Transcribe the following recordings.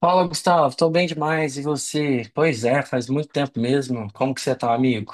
Fala, Gustavo. Tô bem demais. E você? Pois é, faz muito tempo mesmo. Como que você tá, amigo?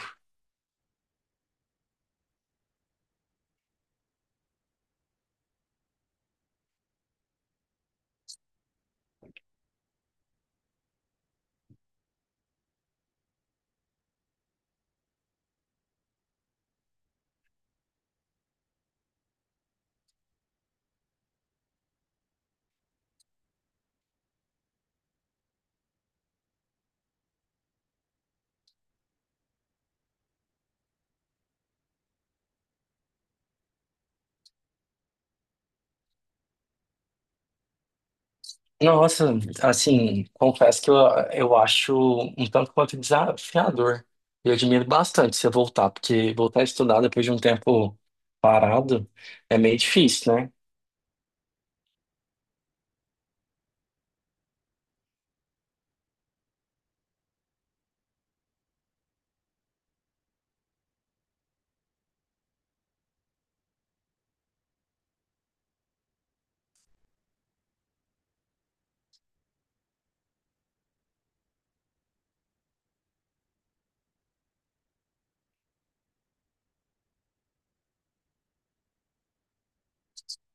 Nossa, assim, confesso que eu acho um tanto quanto desafiador. Eu admiro bastante você voltar, porque voltar a estudar depois de um tempo parado é meio difícil, né?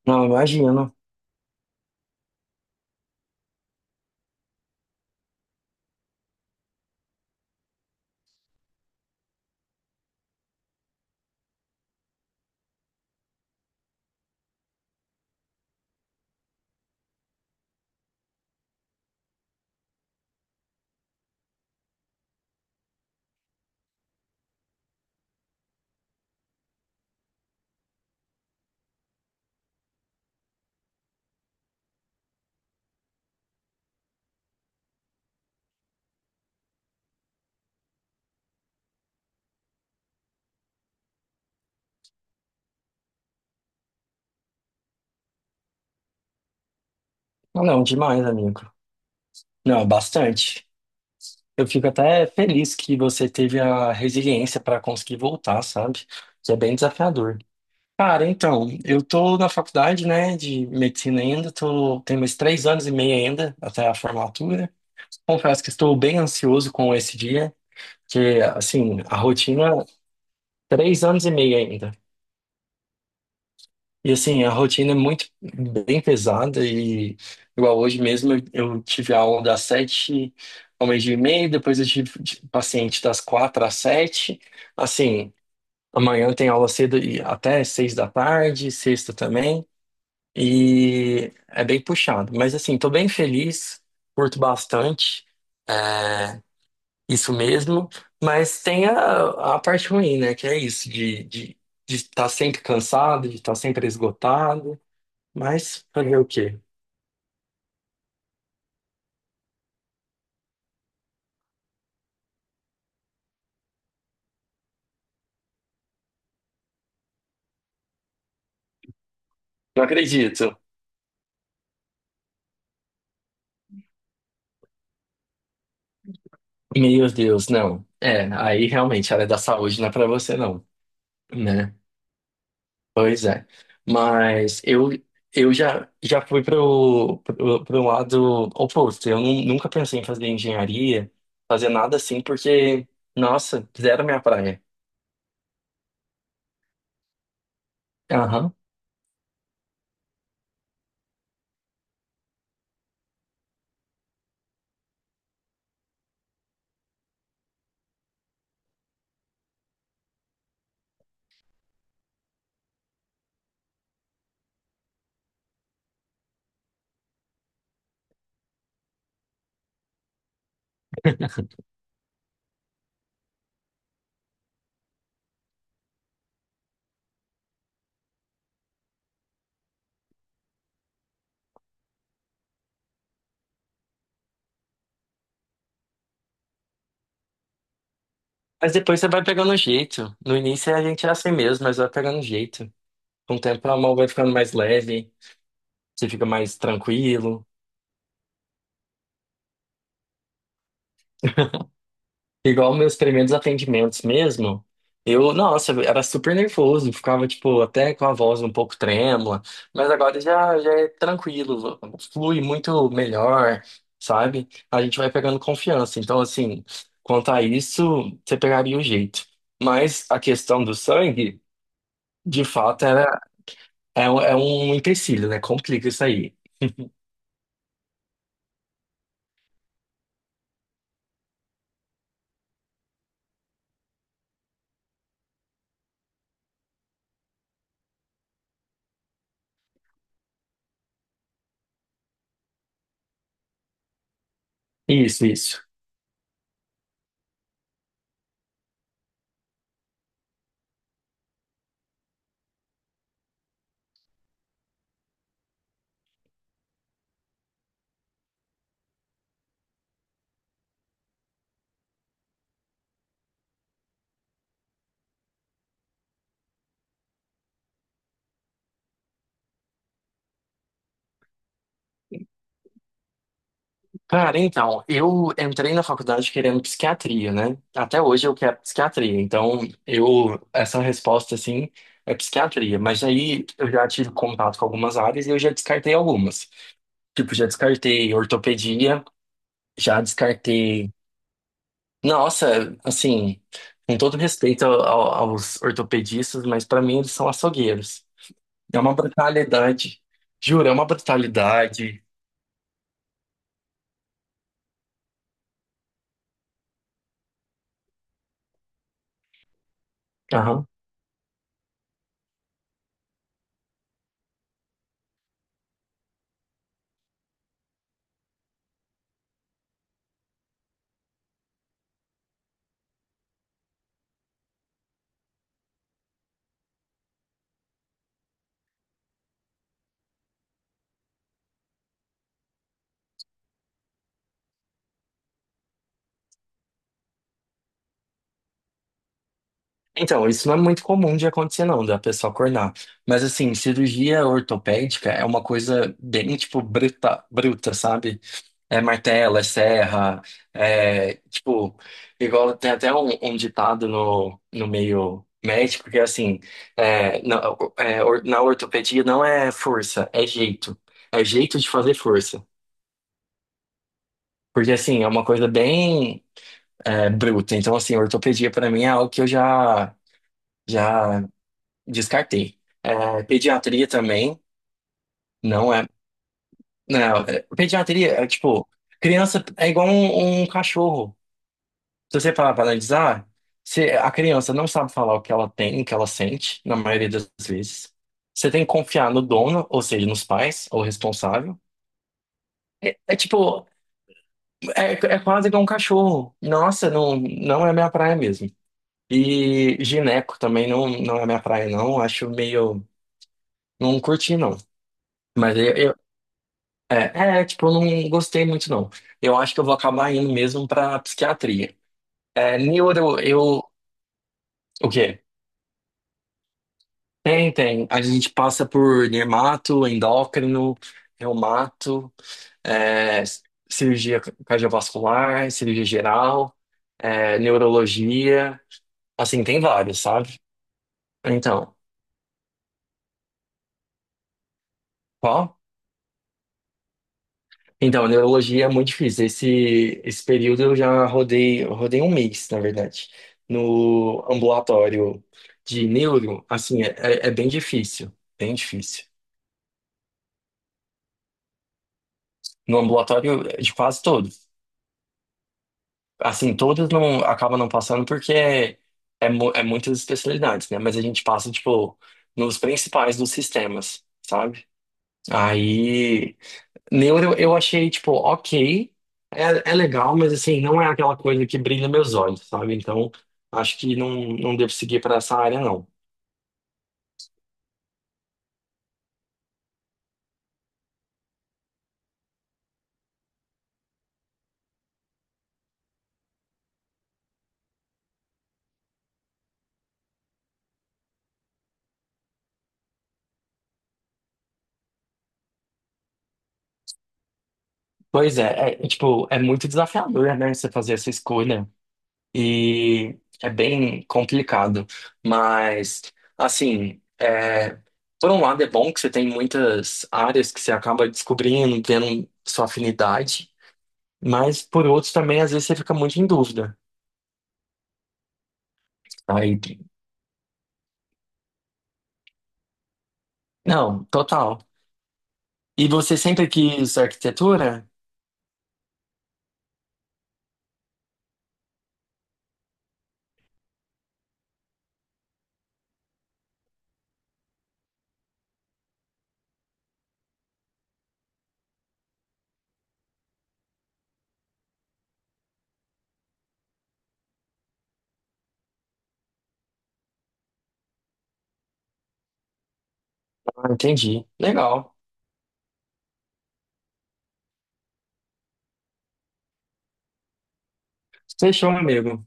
Não, imagino. Não, não, demais, amigo. Não, bastante. Eu fico até feliz que você teve a resiliência para conseguir voltar, sabe? Que é bem desafiador. Cara, então, eu tô na faculdade, né, de medicina ainda, tenho mais 3 anos e meio ainda até a formatura. Confesso que estou bem ansioso com esse dia, que, assim, a rotina, 3 anos e meio ainda. E, assim, a rotina é muito bem pesada e, igual hoje mesmo, eu tive aula das sete ao meio-dia e meio, depois eu tive paciente das quatro às sete. Assim, amanhã tem aula cedo e até seis da tarde, sexta também. E é bem puxado. Mas assim, tô bem feliz, curto bastante, é, isso mesmo. Mas tem a parte ruim, né? Que é isso, de estar sempre cansado, de estar sempre esgotado. Mas fazer o quê? Não acredito. Meu Deus, não. É, aí realmente a área da saúde não é pra você, não, né? Pois é. Mas eu já fui para o lado oposto. Eu nunca pensei em fazer engenharia, fazer nada assim, porque, nossa, zero minha praia. Aham. Mas depois você vai pegando o jeito. No início a gente é assim mesmo, mas vai pegando o jeito. Com o tempo a mão vai ficando mais leve, você fica mais tranquilo. Igual meus primeiros atendimentos mesmo, eu, nossa, eu era super nervoso, ficava, tipo, até com a voz um pouco trêmula, mas agora já é tranquilo, flui muito melhor, sabe? A gente vai pegando confiança. Então, assim, quanto a isso, você pegaria o jeito. Mas a questão do sangue, de fato, era, é, é um empecilho, né? Complica isso aí. Isso, isso. Cara, então, eu entrei na faculdade querendo psiquiatria, né? Até hoje eu quero psiquiatria, então eu, essa resposta, assim, é psiquiatria. Mas aí eu já tive contato com algumas áreas e eu já descartei algumas. Tipo, já descartei ortopedia, já descartei. Nossa, assim, com todo respeito aos ortopedistas, mas pra mim eles são açougueiros. É uma brutalidade. Juro, é uma brutalidade. Então, isso não é muito comum de acontecer, não, da pessoa acordar. Mas, assim, cirurgia ortopédica é uma coisa bem, tipo, bruta, bruta, sabe? É martelo, é serra, é, tipo, igual tem até um ditado no meio médico que é assim, é, na, na ortopedia não é força, é jeito. É jeito de fazer força. Porque, assim, é uma coisa bem, bruta. Então, assim, ortopedia pra mim é algo que eu já... Já descartei. É, pediatria também, não é. Não, pediatria é tipo, criança é igual um cachorro. Se você parar para analisar, se a criança não sabe falar o que ela tem, o que ela sente, na maioria das vezes. Você tem que confiar no dono, ou seja, nos pais, ou responsável. É tipo, é quase igual um cachorro. Nossa, não, não é minha praia mesmo. E gineco também não, não é minha praia, não. Acho meio. Não curti, não. Mas É, tipo, eu não gostei muito, não. Eu acho que eu vou acabar indo mesmo pra psiquiatria. É, neuro, eu. O quê? Tem, tem. A gente passa por dermato, endócrino, reumato, é, cirurgia cardiovascular, cirurgia geral, neurologia. Assim, tem vários, sabe? Então, qual? Então, neurologia é muito difícil. Esse período eu rodei um mês, na verdade, no ambulatório de neuro, assim, bem difícil, bem difícil. No ambulatório de quase todos. Assim, todos não acabam não passando porque muitas especialidades, né? Mas a gente passa, tipo, nos principais dos sistemas, sabe? Aí. Neuro eu achei, tipo, ok, é legal, mas assim, não é aquela coisa que brilha meus olhos, sabe? Então, acho que não, não devo seguir para essa área, não. Pois é, tipo, é muito desafiador, né, você fazer essa escolha. E é bem complicado. Mas, assim, por um lado é bom que você tem muitas áreas que você acaba descobrindo, tendo sua afinidade, mas por outro também, às vezes, você fica muito em dúvida. Aí, não, total. E você sempre quis arquitetura? Ah, entendi. Legal. Fechou, amigo.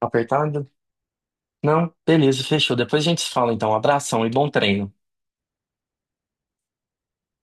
Apertado? Não? Beleza, fechou. Depois a gente se fala, então. Um abração e bom treino.